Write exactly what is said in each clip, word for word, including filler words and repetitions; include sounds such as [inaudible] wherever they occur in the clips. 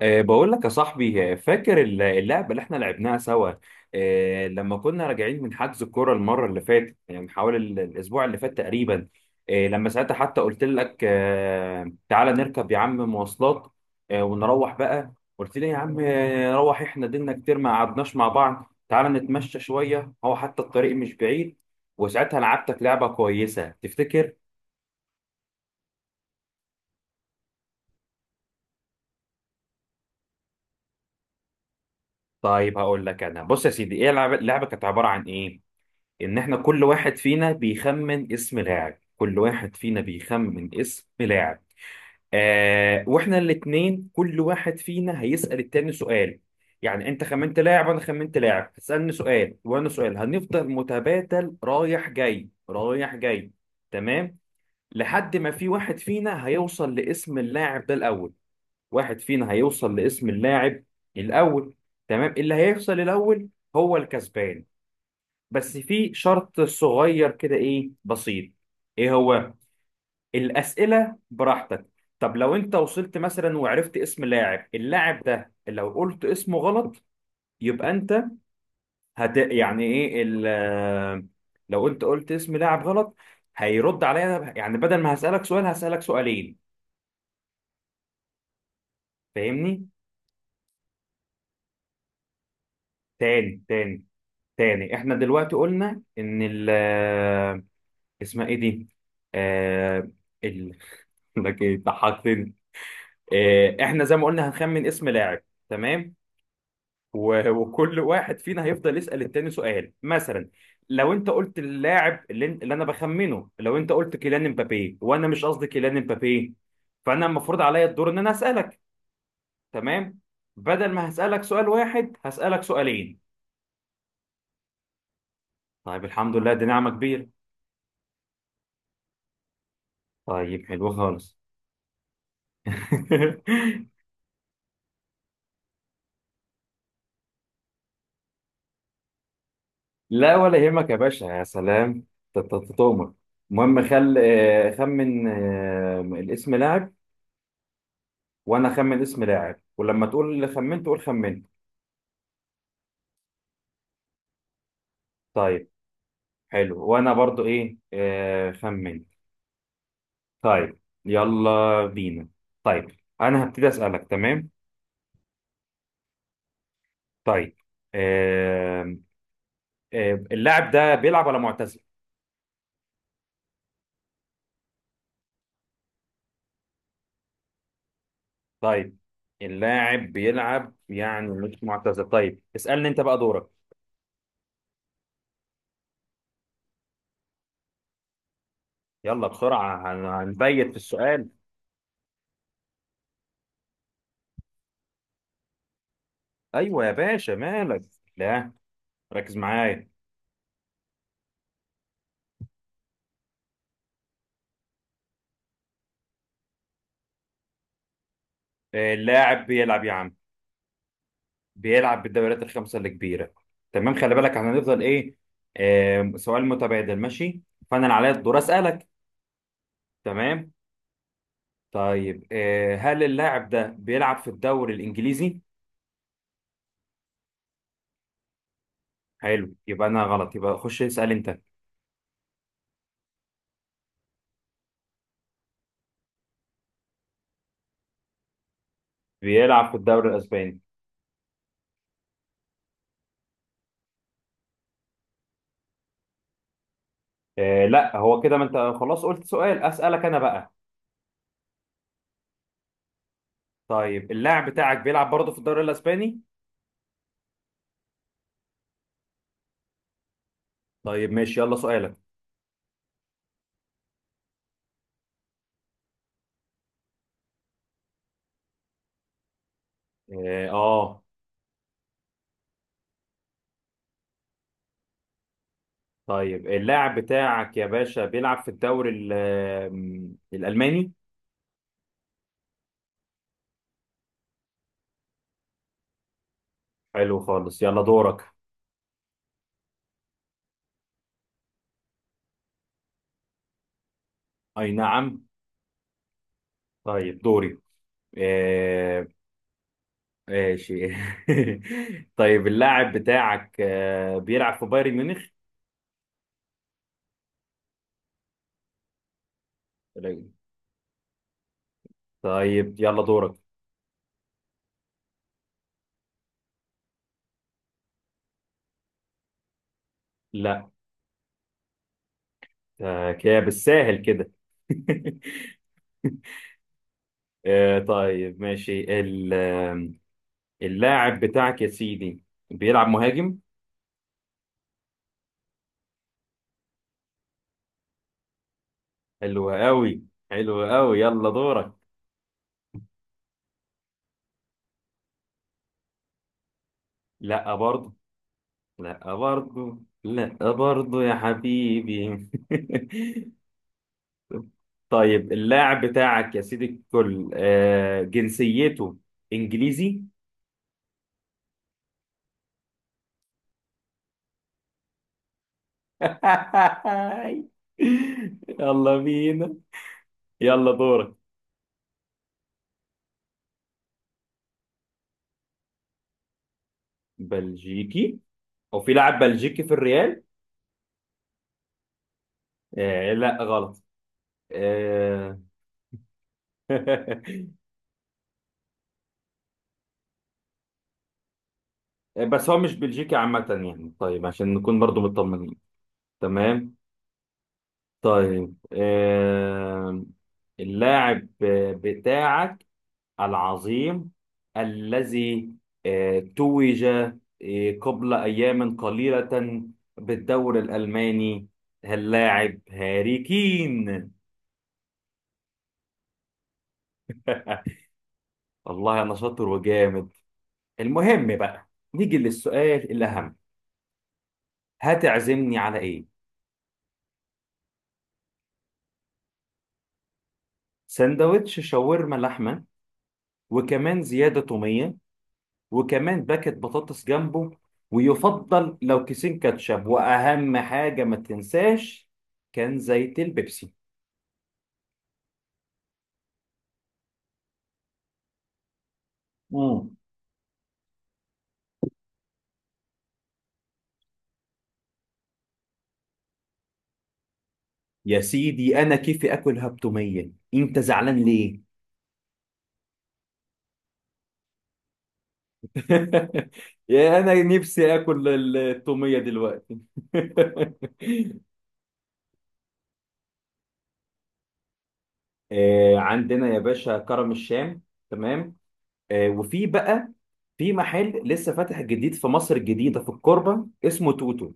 أه بقول لك يا صاحبي آه، فاكر الل- اللعبة اللي احنا لعبناها سوا. أه لما كنا راجعين من حجز الكورة المرة اللي فاتت، يعني من حوالي ال- الأسبوع اللي فات تقريبا. أه لما ساعتها حتى قلت لك أه تعالى نركب يا عم مواصلات أه ونروح بقى. قلت لي يا عم، آه، نروح. احنا دينا كتير ما قعدناش مع بعض، تعالى نتمشى شوية، هو حتى الطريق مش بعيد. وساعتها لعبتك لعبة كويسة، تفتكر؟ طيب هقول لك. أنا بص يا سيدي، ايه اللعبة اللعبة كانت عبارة عن ايه؟ ان احنا كل واحد فينا بيخمن اسم لاعب كل واحد فينا بيخمن اسم لاعب آه واحنا الاتنين، كل واحد فينا هيسأل التاني سؤال. يعني انت خمنت لاعب وانا خمنت لاعب، هتسألني سؤال وانا سؤال، هنفضل متبادل رايح جاي رايح جاي. تمام. لحد ما في واحد فينا هيوصل لاسم اللاعب ده الاول. واحد فينا هيوصل لاسم اللاعب الاول تمام، اللي هيوصل الاول هو الكسبان. بس في شرط صغير كده، ايه، بسيط. ايه هو؟ الاسئله براحتك. طب لو انت وصلت مثلا وعرفت اسم لاعب اللاعب ده، لو قلت اسمه غلط، يبقى انت هت يعني ايه ال آه، لو انت قلت اسم لاعب غلط، هيرد عليا. يعني بدل ما هسالك سؤال، هسالك سؤالين. فاهمني؟ تاني تاني. تاني، احنا دلوقتي قلنا ان ال آه، اسمها ايه دي؟ آه ال [laughs] لك ايه، ضحكتني. آه، احنا زي ما قلنا هنخمن اسم لاعب. تمام. و- وكل واحد فينا هيفضل يسأل التاني سؤال مثلا. لو انت قلت اللاعب اللي, اللي انا بخمنه، لو انت قلت كيليان امبابي وانا مش قصدي كيليان امبابي، فانا المفروض عليا الدور ان انا اسألك. تمام. بدل ما هسألك سؤال واحد، هسألك سؤالين. طيب الحمد لله، دي نعمة كبيرة. طيب حلو خالص. [laughs] لا ولا يهمك يا باشا، يا سلام. تؤمر. المهم خل آه، خمن آه، الاسم لاعب، وانا اخمن اسم لاعب، ولما تقول اللي خمنت قول خمنت. طيب. حلو، وانا برضو ايه، آه خمنت. طيب. يلا بينا. طيب، انا هبتدي اسالك، تمام. طيب. آه. آه اللاعب ده بيلعب ولا معتزل؟ طيب. اللاعب بيلعب، يعني مش معتزل. طيب اسالني انت بقى، دورك. يلا بسرعه، هن- هنبيت في السؤال. ايوه يا باشا، مالك؟ لا. ركز معايا. آه اللاعب بيلعب يا عم، بيلعب بالدوريات الخمسه الكبيره. تمام، خلي بالك احنا هنفضل ايه؟ آه سؤال متبادل، ماشي. فانا اللي عليا الدور اسالك. تمام. طيب، آه هل اللاعب ده بيلعب في الدوري الانجليزي؟ حلو، يبقى انا غلط، يبقى خش اسال انت. بيلعب في الدوري الاسباني. آه لا، هو كده، ما انت خلاص قلت سؤال، اسالك انا بقى. طيب، اللاعب بتاعك بيلعب برضه في الدوري الاسباني؟ طيب ماشي، يلا سؤالك. اه. آه. طيب اللاعب بتاعك يا باشا بيلعب في الدوري ال- آه، الالماني. حلو خالص، يلا دورك. اي نعم. طيب دوري، آه، ماشي. [laughs] طيب اللاعب بتاعك آه، بيلعب في بايرن ميونخ؟ طيب يلا دورك. لا. آه، كده بالساهل كده. [laughs] آه، طيب ماشي ال- آه، اللاعب بتاعك يا سيدي بيلعب مهاجم. حلو قوي. حلو قوي، يلا دورك. لا برضه. لا برضه لا برضه يا حبيبي. [laughs] طيب اللاعب بتاعك يا سيدي الكل آه، جنسيته انجليزي؟ [laughs] يلا بينا. يلا دورك. بلجيكي؟ او في لاعب بلجيكي في الريال؟ آه لا غلط. آه. [laughs] بس هو مش بلجيكي عامة، يعني طيب عشان نكون برضو مطمنين. تمام. طيب، آه اللاعب بتاعك العظيم، الذي آه، توج آه، قبل أيام قليلة بالدوري الألماني، اللاعب هاري كين. [laughs] والله أنا شاطر وجامد. المهم بقى، نيجي للسؤال الأهم. هتعزمني على إيه؟ سندوتش شاورما لحمة، وكمان زيادة تومية، وكمان باكت بطاطس جنبه، ويفضل لو كيسين كاتشب، وأهم حاجة ما تنساش كان زيت البيبسي. مم. يا سيدي انا كيفي اكل، هبتوميه، انت زعلان ليه؟ [laughs] يا انا نفسي اكل ال- التوميه دلوقتي. [laughs] آه، عندنا يا باشا كرم الشام. تمام. آه، وفي بقى في محل لسه فاتح جديد في مصر الجديدة في الكوربة اسمه توتو.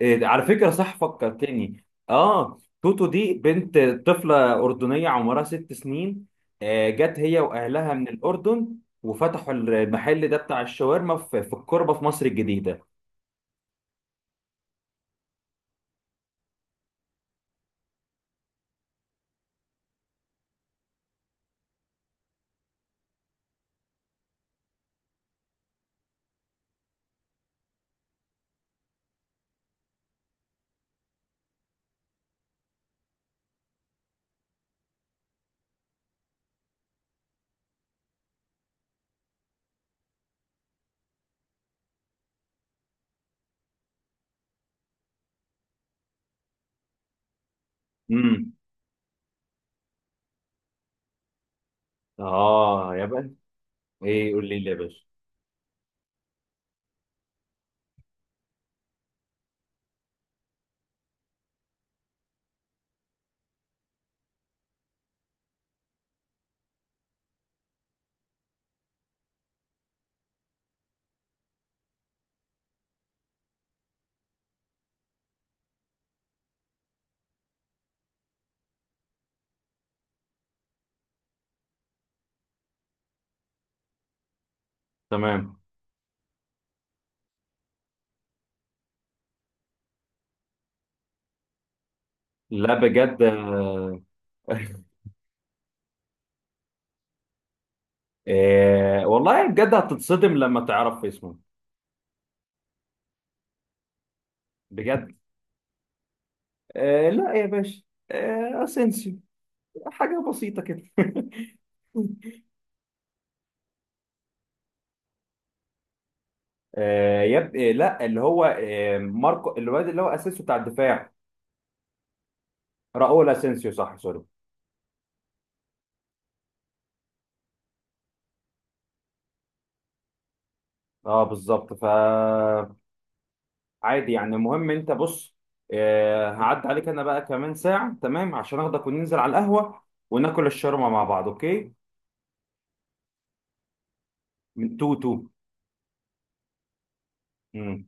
إيه، على فكرة، صح فكرتني. اه، توتو دي بنت، طفلة أردنية عمرها ست سنين. آه جت هي وأهلها من الأردن، وفتحوا المحل ده بتاع الشاورما في, في الكوربة في مصر الجديدة. امم. اه يا بنت. ايه، قول لي ليه يا باشا. تمام. لا بجد. [laughs] آه والله بجد هتتصدم لما تعرف اسمه. بجد. آه لا يا باشا. آه اسينسيو. حاجة بسيطة كده. [laughs] آه يب... آه لا، اللي هو آه ماركو، الواد اللي هو اسيسو بتاع الدفاع. راؤول اسينسيو، صح، سوري. اه بالظبط، فعادي يعني. المهم انت بص، آه هعدي عليك انا بقى كمان ساعة، تمام، عشان اخدك وننزل على القهوة وناكل الشاورما مع بعض، اوكي. من تو تو. مم.